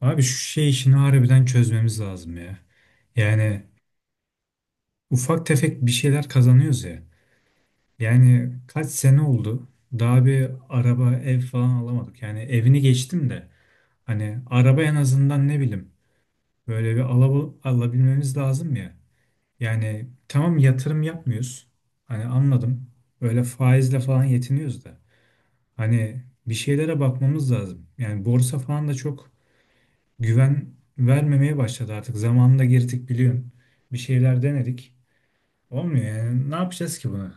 Abi şu şey işini harbiden çözmemiz lazım ya. Yani ufak tefek bir şeyler kazanıyoruz ya. Yani kaç sene oldu? Daha bir araba, ev falan alamadık. Yani evini geçtim de hani araba en azından ne bileyim böyle bir alabilmemiz lazım ya. Yani tamam, yatırım yapmıyoruz. Hani anladım. Öyle faizle falan yetiniyoruz da. Hani bir şeylere bakmamız lazım. Yani borsa falan da çok güven vermemeye başladı artık. Zamanında girdik, biliyorsun. Bir şeyler denedik. Olmuyor yani. Ne yapacağız ki bunu?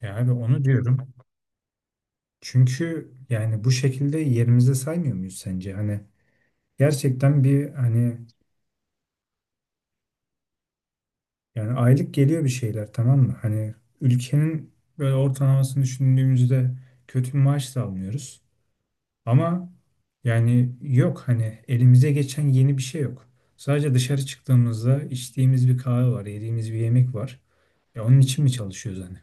Ya abi, onu diyorum. Çünkü yani bu şekilde yerimizde saymıyor muyuz sence? Hani gerçekten bir, hani yani aylık geliyor bir şeyler, tamam mı? Hani ülkenin böyle ortalamasını düşündüğümüzde kötü bir maaş da almıyoruz. Ama yani yok, hani elimize geçen yeni bir şey yok. Sadece dışarı çıktığımızda içtiğimiz bir kahve var, yediğimiz bir yemek var. Ya onun için mi çalışıyoruz hani?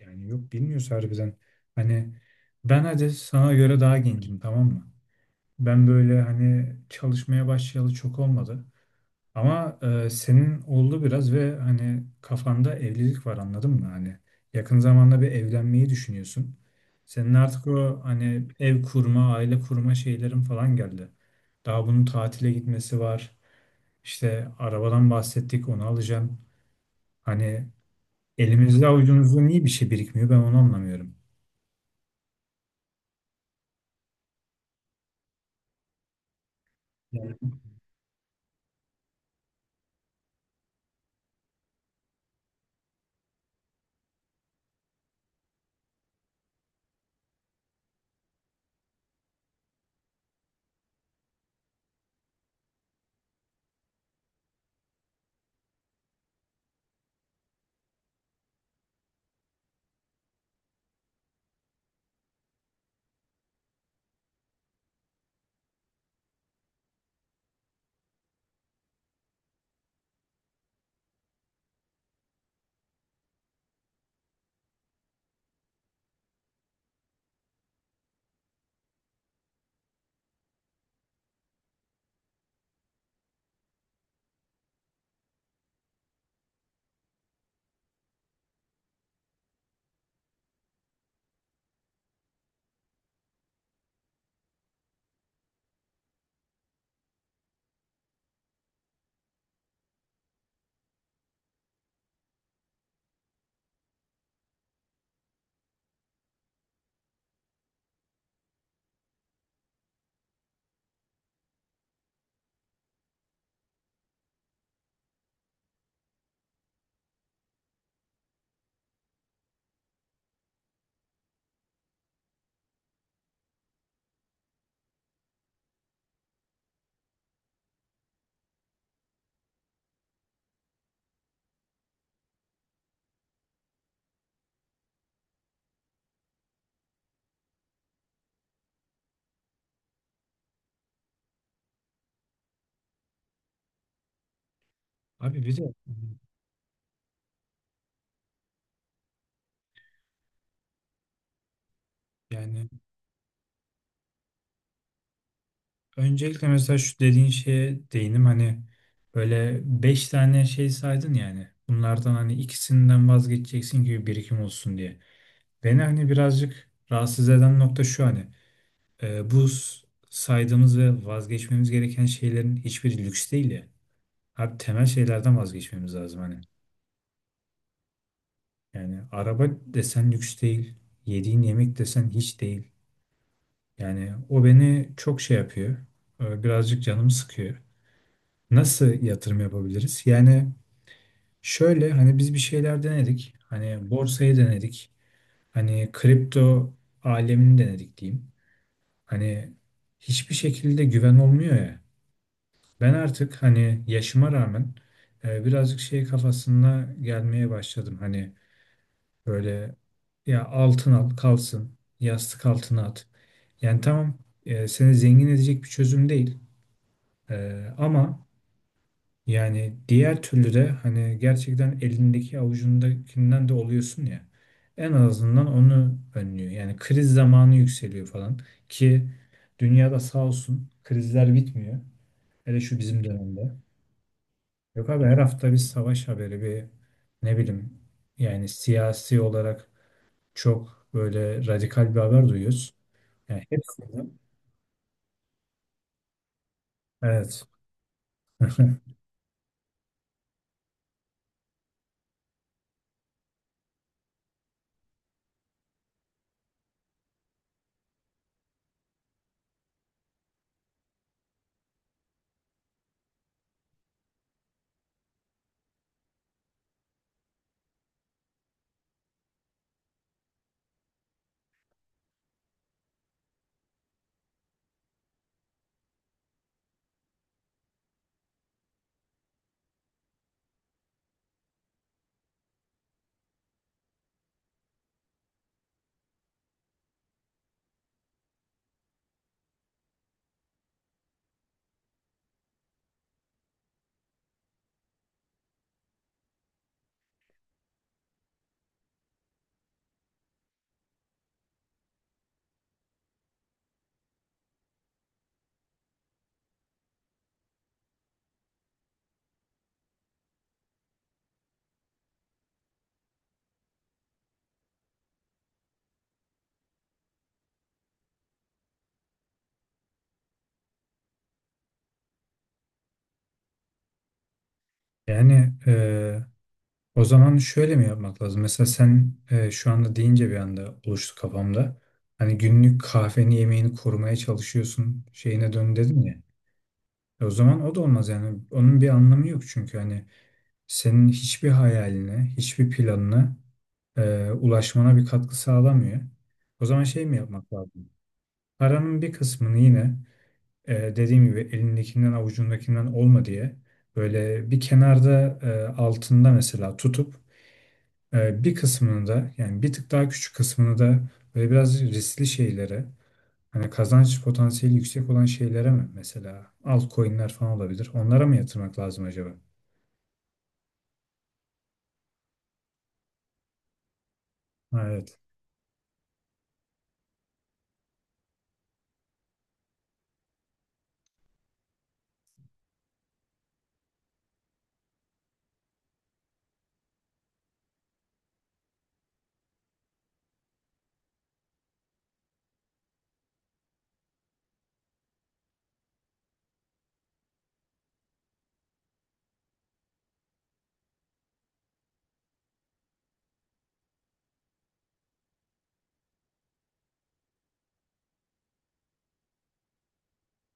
Yani yok, bilmiyoruz harbiden. Hani ben hadi sana göre daha gencim, tamam mı? Ben böyle hani çalışmaya başlayalı çok olmadı. Ama senin oldu biraz ve hani kafanda evlilik var, anladın mı? Hani yakın zamanda bir evlenmeyi düşünüyorsun. Senin artık o hani ev kurma, aile kurma şeylerin falan geldi. Daha bunun tatile gitmesi var. İşte arabadan bahsettik, onu alacağım. Hani elimizde avucumuzda niye bir şey birikmiyor, ben onu anlamıyorum. Yani abi, bir de yani öncelikle mesela şu dediğin şeye değinim. Hani böyle beş tane şey saydın, yani bunlardan hani ikisinden vazgeçeceksin gibi, birikim olsun diye. Beni hani birazcık rahatsız eden nokta şu: hani bu saydığımız ve vazgeçmemiz gereken şeylerin hiçbiri lüks değil ya. Abi temel şeylerden vazgeçmemiz lazım hani. Yani araba desen lüks değil, yediğin yemek desen hiç değil. Yani o beni çok şey yapıyor. Birazcık canımı sıkıyor. Nasıl yatırım yapabiliriz? Yani şöyle, hani biz bir şeyler denedik. Hani borsayı denedik. Hani kripto alemini denedik diyeyim. Hani hiçbir şekilde güven olmuyor ya. Ben artık hani yaşıma rağmen birazcık şey kafasına gelmeye başladım. Hani böyle, ya altın al kalsın, yastık altına at. Yani tamam, seni zengin edecek bir çözüm değil. Ama yani diğer türlü de hani gerçekten elindeki avucundakinden de oluyorsun ya. En azından onu önlüyor. Yani kriz zamanı yükseliyor falan, ki dünyada sağ olsun, krizler bitmiyor. Hele şu bizim dönemde. Yok abi, her hafta bir savaş haberi, bir ne bileyim, yani siyasi olarak çok böyle radikal bir haber duyuyoruz. Yani hepsinden. Evet. Yani, o zaman şöyle mi yapmak lazım? Mesela sen, şu anda deyince bir anda oluştu kafamda. Hani günlük kahveni, yemeğini korumaya çalışıyorsun şeyine dön dedin ya. O zaman o da olmaz yani. Onun bir anlamı yok, çünkü hani senin hiçbir hayaline, hiçbir planına ulaşmana bir katkı sağlamıyor. O zaman şey mi yapmak lazım? Paranın bir kısmını yine dediğim gibi elindekinden avucundakinden olma diye böyle bir kenarda, altında mesela tutup, bir kısmını da yani bir tık daha küçük kısmını da böyle biraz riskli şeylere, hani kazanç potansiyeli yüksek olan şeylere, mi mesela altcoin'ler falan olabilir. Onlara mı yatırmak lazım acaba? Ha, evet.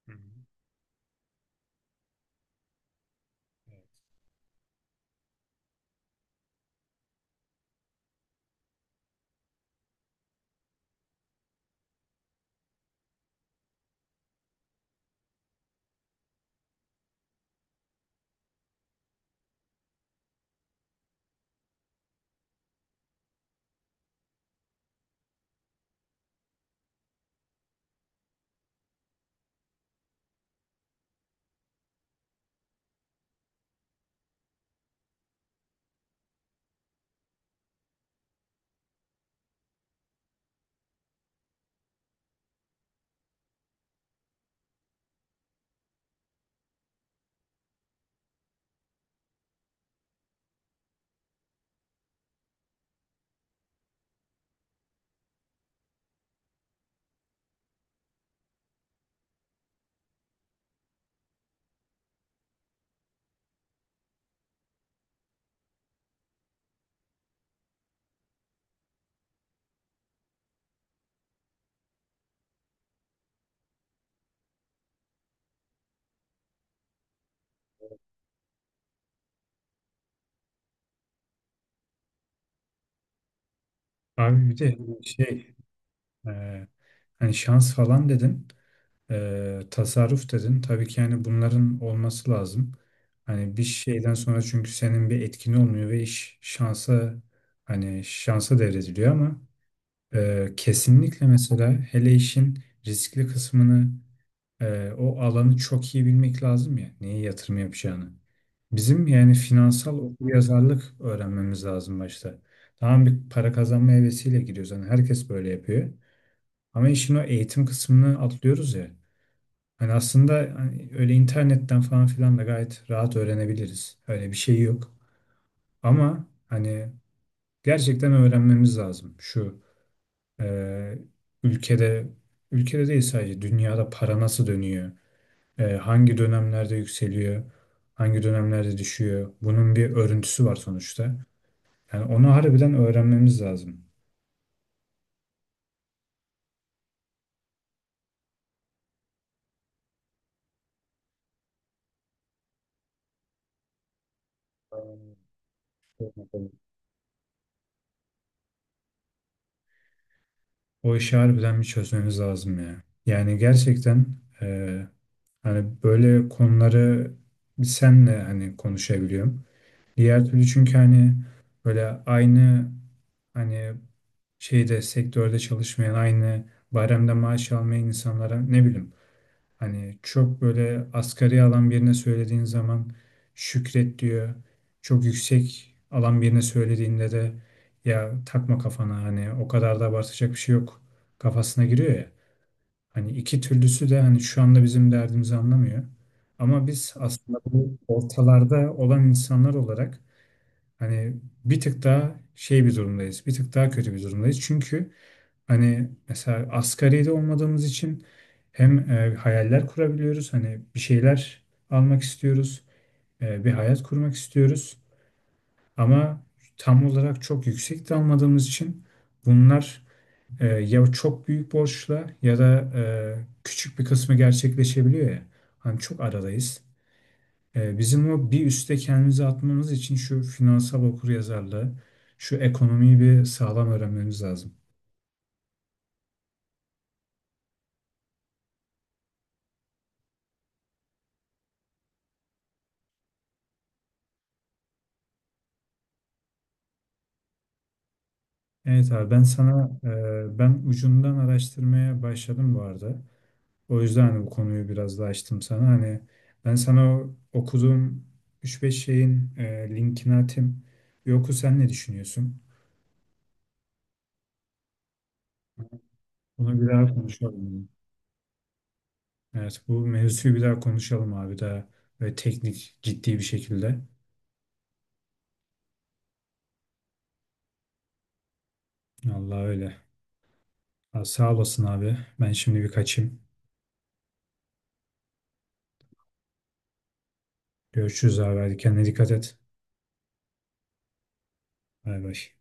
Hı hı. Evet. Abi bir de şey, e, hani şans falan dedin. Tasarruf dedin. Tabii ki yani bunların olması lazım. Hani bir şeyden sonra çünkü senin bir etkin olmuyor ve iş şansa, hani şansa devrediliyor ama kesinlikle mesela, hele işin riskli kısmını, o alanı çok iyi bilmek lazım ya neye yatırım yapacağını. Bizim yani finansal okuryazarlık öğrenmemiz lazım başta. Tamam, bir para kazanma hevesiyle giriyoruz. Hani herkes böyle yapıyor. Ama işin o eğitim kısmını atlıyoruz ya. Hani aslında hani öyle internetten falan filan da gayet rahat öğrenebiliriz. Öyle bir şey yok. Ama hani gerçekten öğrenmemiz lazım şu: Ee, ülkede, değil sadece dünyada para nasıl dönüyor? Hangi dönemlerde yükseliyor? Hangi dönemlerde düşüyor? Bunun bir örüntüsü var sonuçta. Yani onu harbiden öğrenmemiz lazım. O işi harbiden bir çözmemiz lazım ya. Yani gerçekten, e, hani böyle konuları biz senle hani konuşabiliyorum. Diğer türlü çünkü hani böyle aynı hani sektörde çalışmayan, aynı bayramda maaş almayan insanlara, ne bileyim, hani çok böyle asgari alan birine söylediğin zaman şükret diyor. Çok yüksek alan birine söylediğinde de ya takma kafana, hani o kadar da abartacak bir şey yok kafasına giriyor ya. Hani iki türlüsü de hani şu anda bizim derdimizi anlamıyor. Ama biz aslında bu ortalarda olan insanlar olarak hani bir tık daha şey bir durumdayız. Bir tık daha kötü bir durumdayız. Çünkü hani mesela asgaride olmadığımız için hem hayaller kurabiliyoruz. Hani bir şeyler almak istiyoruz. Bir hayat kurmak istiyoruz. Ama tam olarak çok yüksek de almadığımız için bunlar ya çok büyük borçla ya da küçük bir kısmı gerçekleşebiliyor ya. Hani çok aradayız. Bizim o bir üste kendimizi atmamız için şu finansal okuryazarlığı, şu ekonomiyi bir sağlam öğrenmemiz lazım. Evet abi, ben ucundan araştırmaya başladım bu arada. O yüzden hani bu konuyu biraz daha açtım sana. Hani ben sana o okuduğum üç beş şeyin linkini atayım. Bir oku, sen ne düşünüyorsun? Bunu bir daha konuşalım. Evet, bu mevzuyu bir daha konuşalım abi, daha böyle teknik, ciddi bir şekilde. Allah öyle. Ha, sağ olasın abi. Ben şimdi bir kaçayım. Görüşürüz abi. Hadi kendine dikkat et. Bay bay.